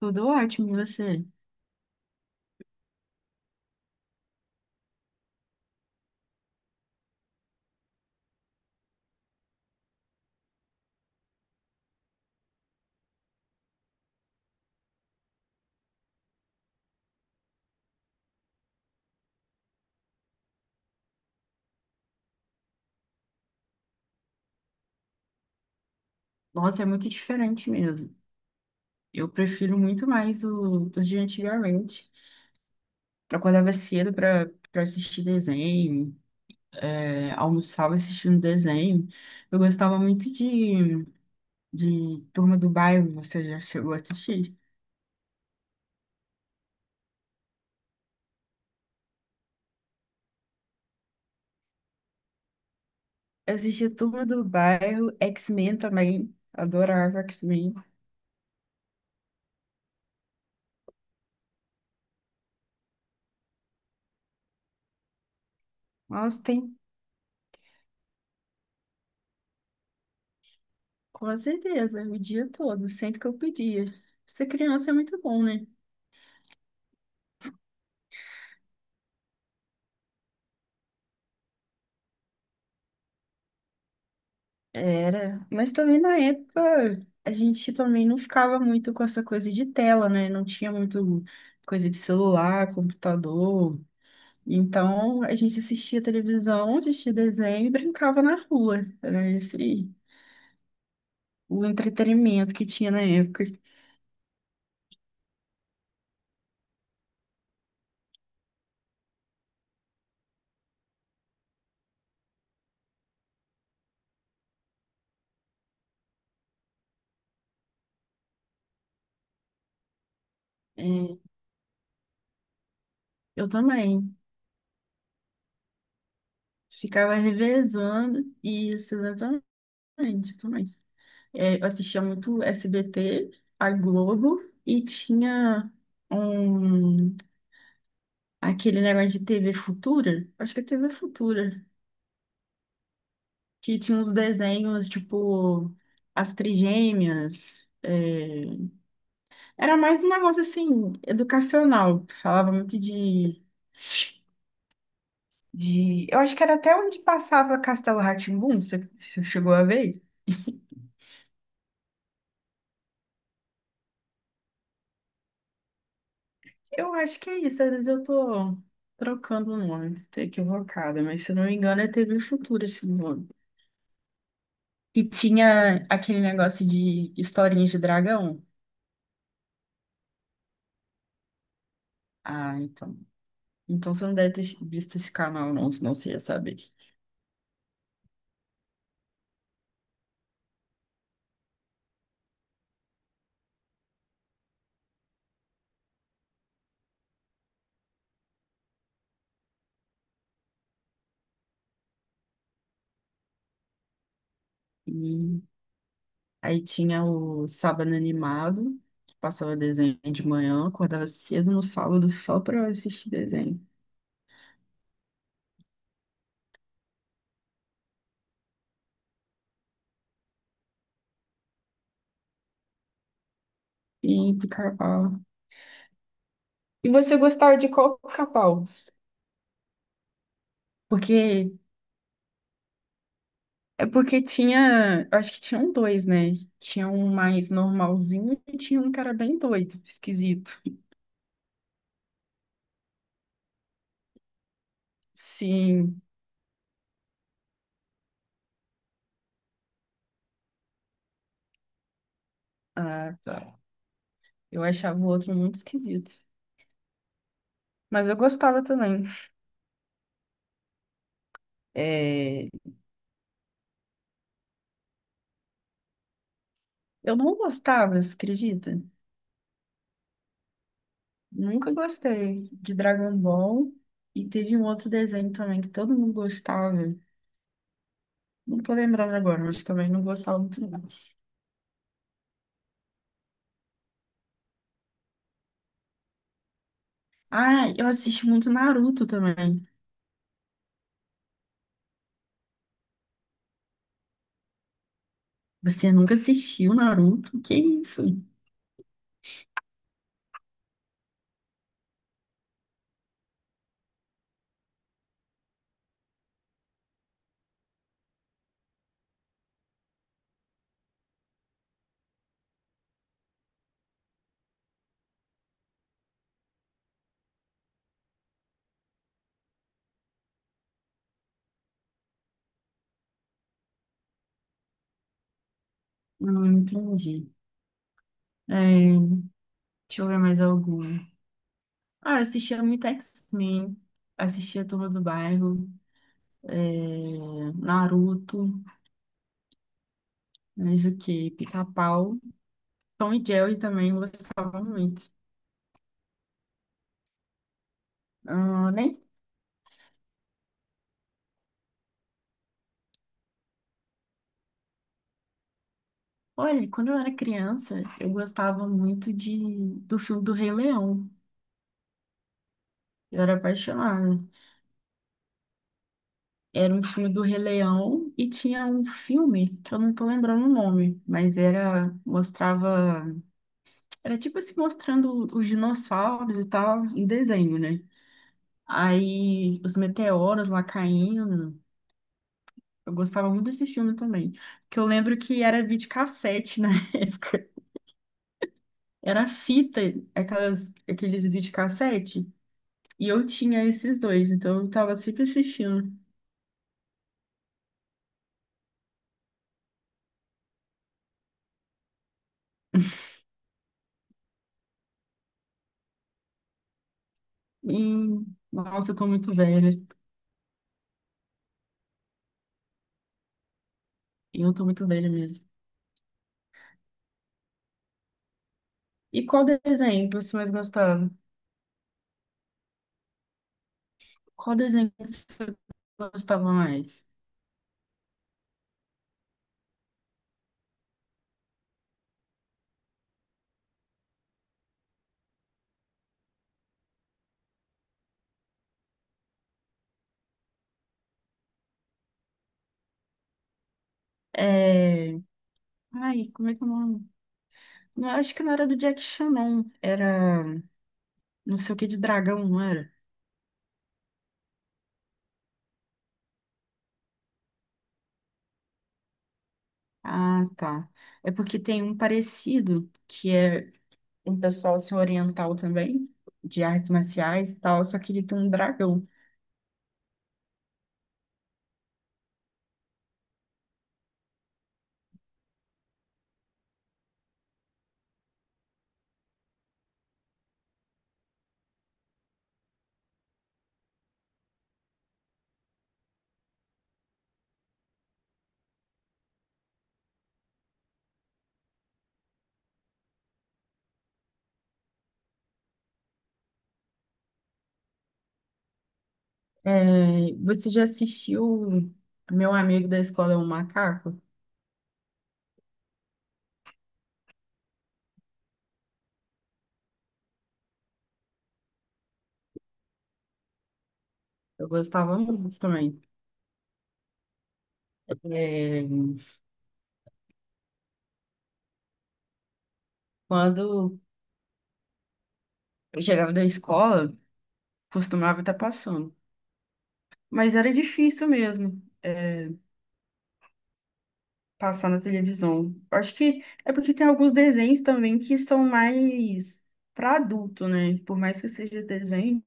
Tudo ótimo, e você? Nossa, é muito diferente mesmo. Eu prefiro muito mais os de antigamente. Eu acordava cedo para assistir desenho, almoçava assistindo desenho. Eu gostava muito de Turma do Bairro, você já chegou a assistir? Eu assistia Turma do Bairro, X-Men também, adorava X-Men. Nossa, tem com certeza, o dia todo, sempre que eu pedia. Ser criança é muito bom, né? Era, mas também na época a gente também não ficava muito com essa coisa de tela, né? Não tinha muito coisa de celular, computador. Então a gente assistia televisão, assistia desenho e brincava na rua. Era esse o entretenimento que tinha na época. É, eu também ficava revezando e isso exatamente, eu também. É, eu assistia muito SBT, a Globo e tinha um. aquele negócio de TV Futura, acho que é TV Futura, que tinha uns desenhos tipo As Trigêmeas. Era mais um negócio assim, educacional. Falava muito de. Eu acho que era até onde passava Castelo rá tim você chegou a ver? Eu acho que é isso, às vezes eu tô trocando o nome, tô equivocada, mas se eu não me engano é TV Futura esse nome. Que tinha aquele negócio de historinhas de dragão. Ah, então. Então você não deve ter visto esse canal, não, senão você ia saber. E aí tinha o Sábado Animado, que passava desenho de manhã, acordava cedo no sábado só pra assistir desenho. E pica-pau. E você gostava de qual pica-pau? Porque é porque tinha, eu acho que tinham dois, né? Tinha um mais normalzinho e tinha um que era bem doido, esquisito. Sim, ah, eu achava o outro muito esquisito. Mas eu gostava também. É, eu não gostava, você acredita? Nunca gostei de Dragon Ball. E teve um outro desenho também que todo mundo gostava. Não tô lembrando agora, mas também não gostava muito não. Ah, eu assisti muito Naruto também. Você nunca assistiu Naruto? Que isso? Não, não entendi. É, deixa eu ver mais algum. Ah, eu assistia muito X-Men. Assistia a Turma do Bairro. Naruto. Mas o quê? Pica-pau. Tom e Jerry também eu gostava muito. Ah, nem... Olha, quando eu era criança, eu gostava muito de... do filme do Rei Leão. Eu era apaixonada. Era um filme do Rei Leão e tinha um filme que eu não tô lembrando o nome, mas mostrava, era tipo assim, mostrando os dinossauros e tal em desenho, né? Aí os meteoros lá caindo. Eu gostava muito desse filme também. Que eu lembro que era videocassete na época. Era fita, aqueles videocassete. E eu tinha esses dois, então eu tava sempre assistindo. E, nossa, eu tô muito velha. Eu tô muito velha mesmo. E qual desenho que você mais gostava? Qual desenho que você gostava mais? É... Ai, como é que é o nome? Não, acho que não era do Jack Chan, não. Era não sei o que de dragão, não era? Ah, tá. É porque tem um parecido, que é um pessoal assim, oriental também, de artes marciais e tal, só que ele tem um dragão. É, você já assistiu Meu Amigo da Escola é um Macaco? Eu gostava muito também. É, quando eu chegava da escola, costumava estar passando. Mas era difícil mesmo, é, passar na televisão. Acho que é porque tem alguns desenhos também que são mais para adulto, né? Por mais que seja desenho,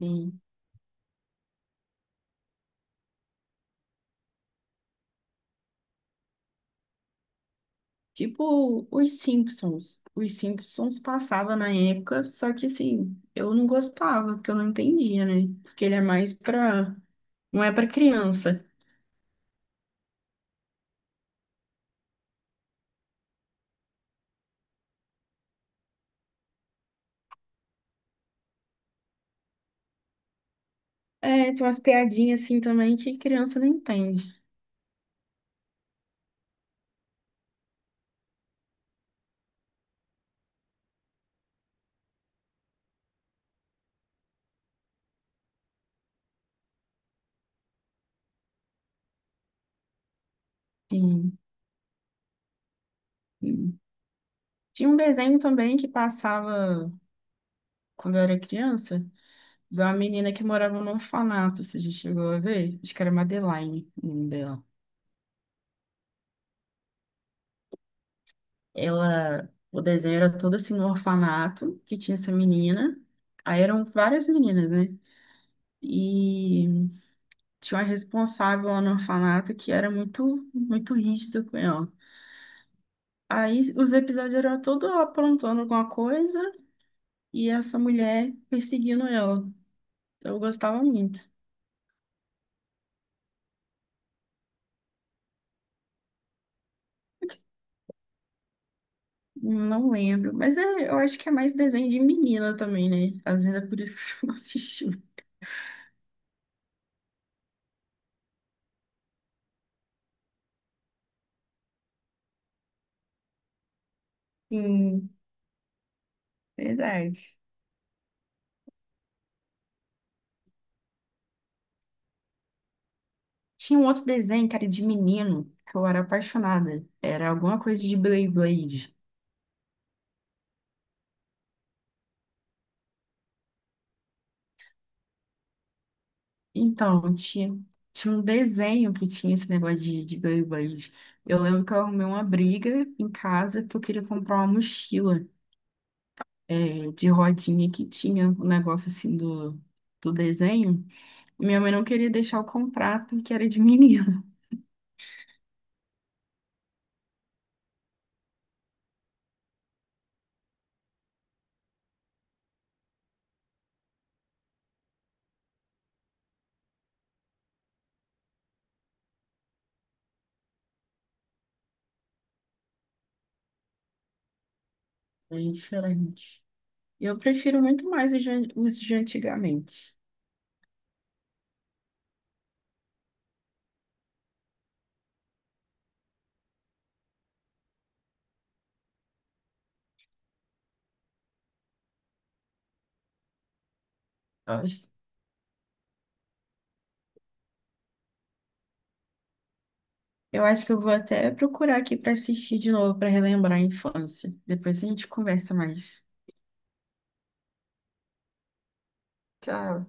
assim, tipo, os Simpsons. Os Simpsons passava na época, só que assim, eu não gostava, porque eu não entendia, né? Porque ele é mais pra. Não é pra criança. É, tem umas piadinhas assim também que criança não entende. Sim. Sim. Tinha um desenho também que passava quando eu era criança, de uma menina que morava num orfanato, se a gente chegou a ver. Acho que era Madeline, o nome dela. O desenho era todo assim no orfanato que tinha essa menina. Aí eram várias meninas, né? E tinha uma responsável lá no orfanato que era muito, muito rígida com ela. Aí os episódios eram todos ela aprontando alguma coisa e essa mulher perseguindo ela. Eu gostava muito. Não lembro, mas eu acho que é mais desenho de menina também, né? Às vezes é por isso que você não assistiu. Sim, verdade. Tinha um outro desenho, cara, de menino, que eu era apaixonada. Era alguma coisa de Beyblade. Então, tinha, tinha um desenho que tinha esse negócio de Beyblade. Eu lembro que eu arrumei uma briga em casa porque eu queria comprar uma mochila de rodinha que tinha um negócio assim do desenho. E minha mãe não queria deixar eu comprar porque era de menino. É diferente. Eu prefiro muito mais os os de antigamente. Eu acho que eu vou até procurar aqui para assistir de novo, para relembrar a infância. Depois a gente conversa mais. Tchau.